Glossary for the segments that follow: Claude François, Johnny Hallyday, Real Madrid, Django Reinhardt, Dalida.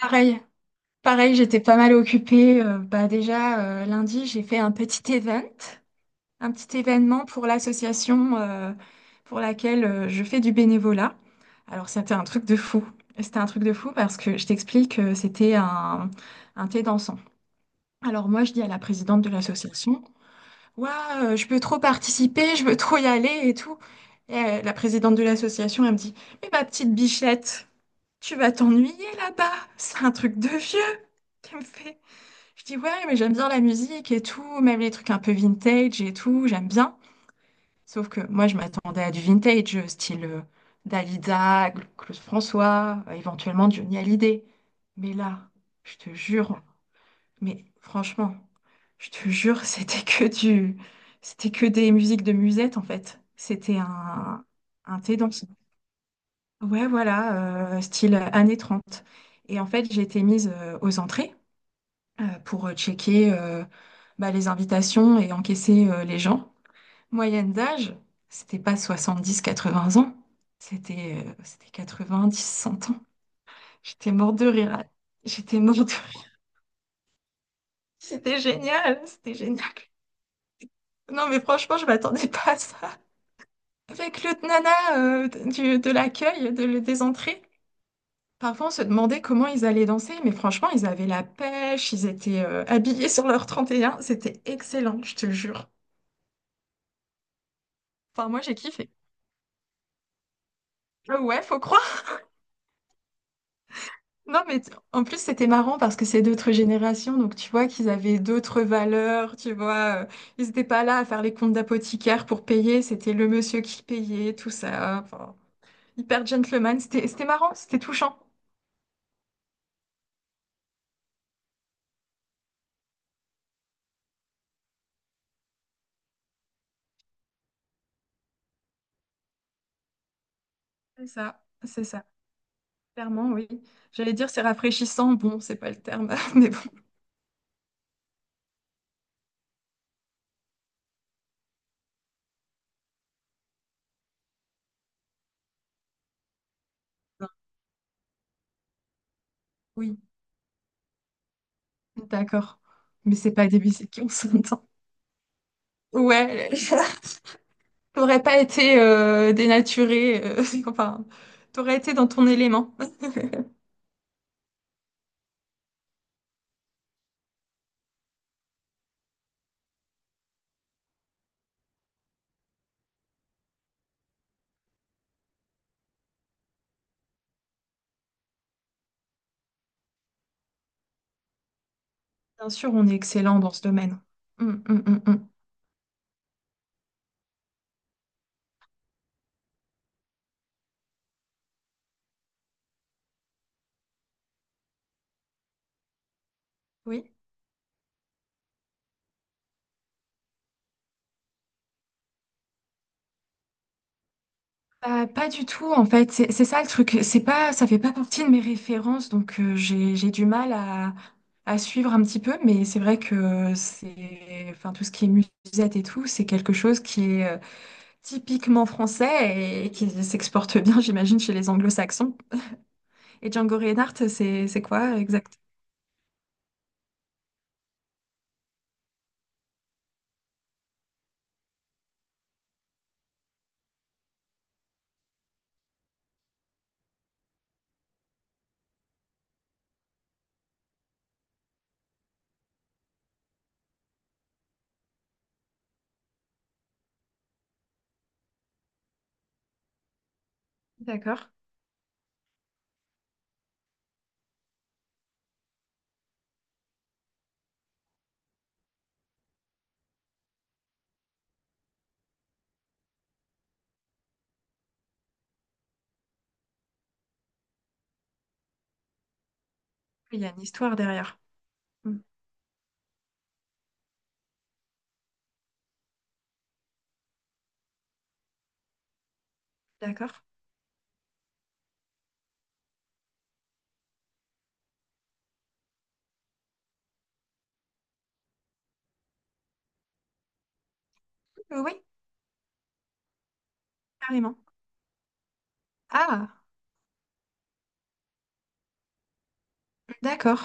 Pareil, pareil, j'étais pas mal occupée. Bah déjà, lundi, j'ai fait un petit event, un petit événement pour l'association pour laquelle je fais du bénévolat. Alors, c'était un truc de fou. C'était un truc de fou parce que je t'explique, c'était un thé dansant. Alors moi, je dis à la présidente de l'association, Ouah, je peux trop participer, je veux trop y aller et tout. Et la présidente de l'association, elle me dit, mais ma petite bichette. Tu vas t'ennuyer là-bas, c'est un truc de vieux. Elle me fait, je dis ouais, mais j'aime bien la musique et tout, même les trucs un peu vintage et tout, j'aime bien. Sauf que moi, je m'attendais à du vintage, style Dalida, Claude François, éventuellement Johnny Hallyday. Mais là, je te jure, mais franchement, je te jure, c'était que des musiques de musette en fait. C'était un thé dans- Ouais, voilà, style années 30. Et en fait, j'ai été mise aux entrées pour checker bah, les invitations et encaisser les gens. Moyenne d'âge, c'était pas 70-80 ans, c'était 10 100 ans. J'étais morte de rire. J'étais morte de rire. C'était génial, c'était génial. Non, mais franchement, je m'attendais pas à ça. Avec le nana de l'accueil, des entrées. Parfois, on se demandait comment ils allaient danser, mais franchement, ils avaient la pêche, ils étaient habillés sur leur 31. C'était excellent, je te le jure. Enfin, moi, j'ai kiffé. Ouais, faut croire. Non, mais en plus, c'était marrant parce que c'est d'autres générations, donc tu vois qu'ils avaient d'autres valeurs, tu vois. Ils n'étaient pas là à faire les comptes d'apothicaire pour payer, c'était le monsieur qui payait, tout ça. Enfin, hyper gentleman, c'était marrant, c'était touchant. C'est ça, clairement, oui. J'allais dire c'est rafraîchissant, bon, c'est pas le terme, mais bon. Oui. D'accord. Mais c'est pas des musiques on s'entend. Ouais, t'aurais pas été dénaturé, enfin, t'aurais été dans ton élément. Bien sûr, on est excellent dans ce domaine. Hum, hum, hum, hum. Oui. Bah, pas du tout, en fait. C'est ça le truc. C'est pas, ça fait pas partie de mes références, donc j'ai du mal à suivre un petit peu. Mais c'est vrai que c'est, enfin, tout ce qui est musette et tout, c'est quelque chose qui est typiquement français et qui s'exporte bien, j'imagine, chez les anglo-saxons. Et Django Reinhardt, c'est quoi exact? D'accord. Il y a une histoire derrière. Hmm. D'accord. Oui, carrément. Ah, d'accord.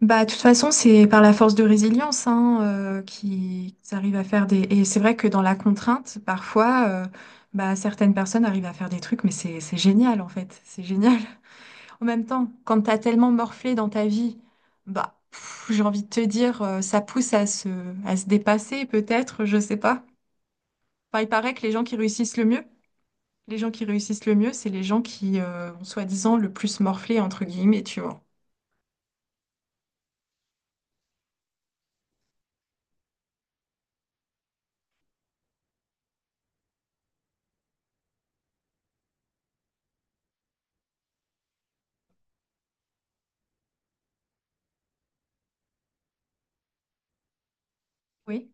Bah, de toute façon, c'est par la force de résilience hein, qu'ils arrivent à faire des. Et c'est vrai que dans la contrainte, parfois, bah, certaines personnes arrivent à faire des trucs, mais c'est génial en fait. C'est génial. En même temps, quand t'as tellement morflé dans ta vie, bah, pff, j'ai envie de te dire, ça pousse à se, dépasser peut-être, je sais pas. Enfin, il paraît que les gens qui réussissent le mieux, c'est les gens qui ont soi-disant le plus morflé, entre guillemets, tu vois. Oui,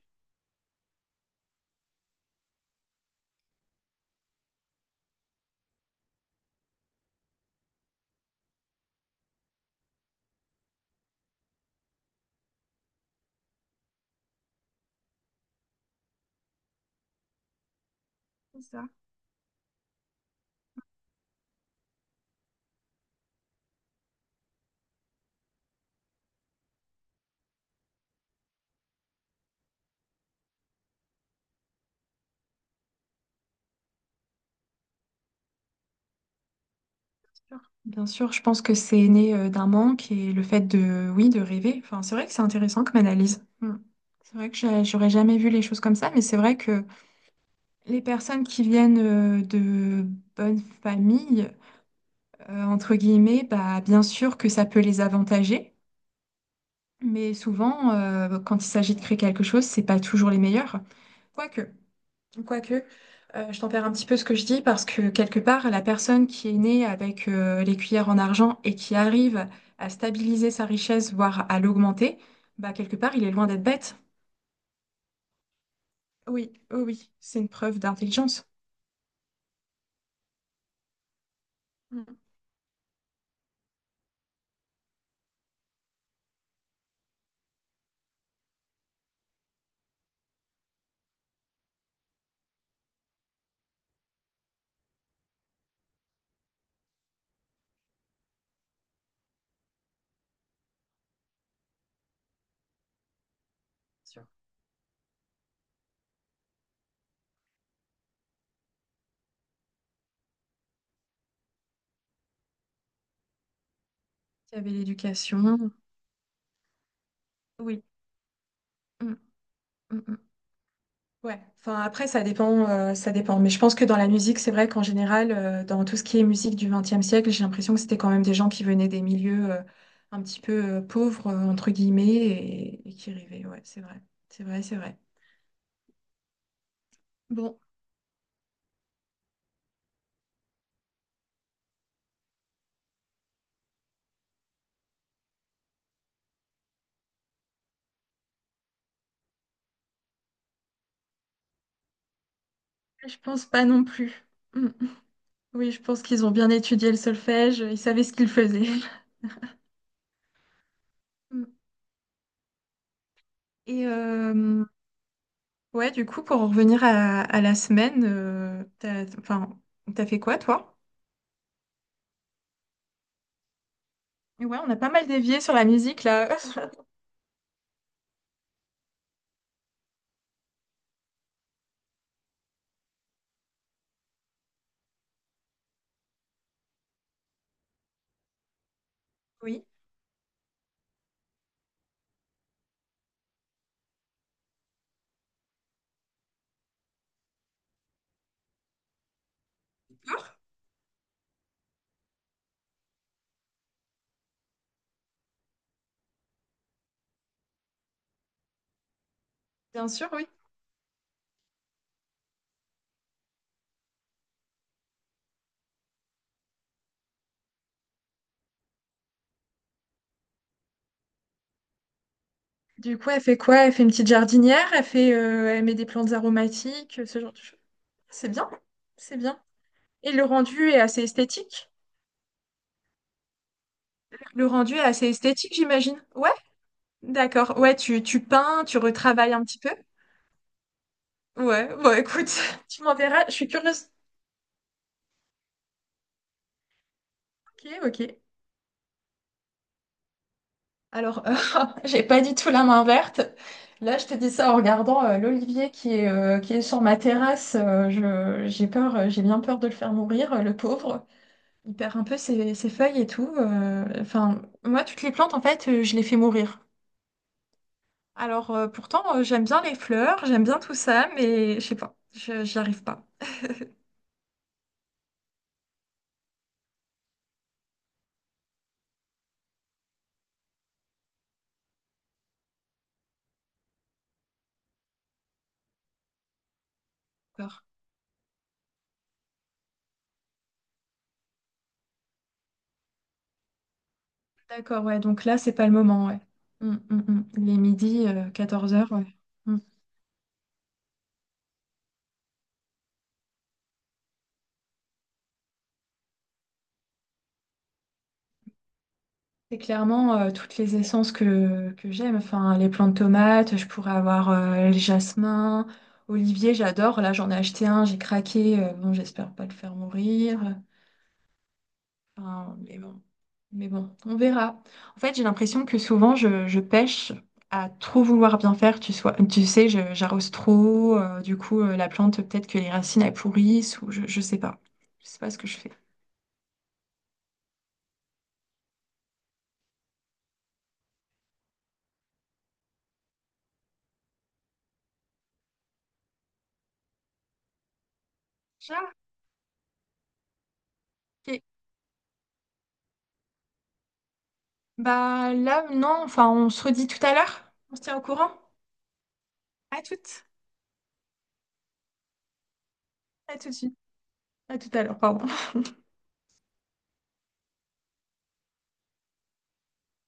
c'est ça, c'est sûr. Bien sûr, je pense que c'est né d'un manque et le fait de, oui, de rêver. Enfin, c'est vrai que c'est intéressant comme analyse. Hmm. C'est vrai que j'aurais jamais vu les choses comme ça, mais c'est vrai que les personnes qui viennent de bonnes familles, entre guillemets, bah, bien sûr que ça peut les avantager, mais souvent, quand il s'agit de créer quelque chose, c'est pas toujours les meilleurs. Quoique. Quoique, je tempère un petit peu ce que je dis parce que quelque part, la personne qui est née avec les cuillères en argent et qui arrive à stabiliser sa richesse, voire à l'augmenter, bah quelque part, il est loin d'être bête. Oui, oui, oui, c'est une preuve d'intelligence. Mm, sûr. Il y avait l'éducation. Oui. Mm, mm, mm. Ouais, enfin après ça dépend, ça dépend. Mais je pense que dans la musique, c'est vrai qu'en général, dans tout ce qui est musique du XXe siècle, j'ai l'impression que c'était quand même des gens qui venaient des milieux un petit peu pauvres entre guillemets et qui rêvaient. Ouais, c'est vrai, c'est vrai, c'est vrai. Bon, je pense pas non plus. Mm. Oui, je pense qu'ils ont bien étudié le solfège, ils savaient ce qu'ils faisaient. Mm. Et ouais, du coup, pour en revenir à la semaine, enfin, t'as fait quoi toi? Ouais, on a pas mal dévié sur la musique là. Oui. D'accord. Bien sûr, oui. Du coup, elle fait quoi? Elle fait, une petite jardinière, elle met des plantes aromatiques, ce genre de choses. C'est bien, c'est bien. Et le rendu est assez esthétique? Le rendu est assez esthétique, j'imagine. Ouais, d'accord. Ouais, tu peins, tu retravailles un petit peu. Ouais, bon, écoute, tu m'enverras, je suis curieuse. Ok, ok. Alors, j'ai pas du tout la main verte. Là, je te dis ça en regardant l'olivier qui est sur ma terrasse. J'ai bien peur de le faire mourir, le pauvre. Il perd un peu ses feuilles et tout. Enfin, moi, toutes les plantes, en fait, je les fais mourir. Alors, pourtant, j'aime bien les fleurs, j'aime bien tout ça, mais je sais pas, j'y arrive pas. D'accord. D'accord, ouais, donc là, c'est pas le moment, ouais. Mm, mm, mm. Il est midi, 14 heures ouais. Mm. C'est clairement toutes les essences que j'aime. Enfin, les plantes tomates, je pourrais avoir les jasmins, olivier, j'adore. Là, j'en ai acheté un, j'ai craqué. Bon, j'espère pas le faire mourir. Enfin, mais bon, on verra. En fait, j'ai l'impression que souvent, je pêche à trop vouloir bien faire. Tu sais, j'arrose trop. Du coup, la plante, peut-être que les racines, elles pourrissent ou je sais pas. Je sais pas ce que je fais. Ah, ok. Bah là, non. Enfin, on se redit tout à l'heure. On se tient au courant. À toutes. À tout de suite. À tout à l'heure, pardon.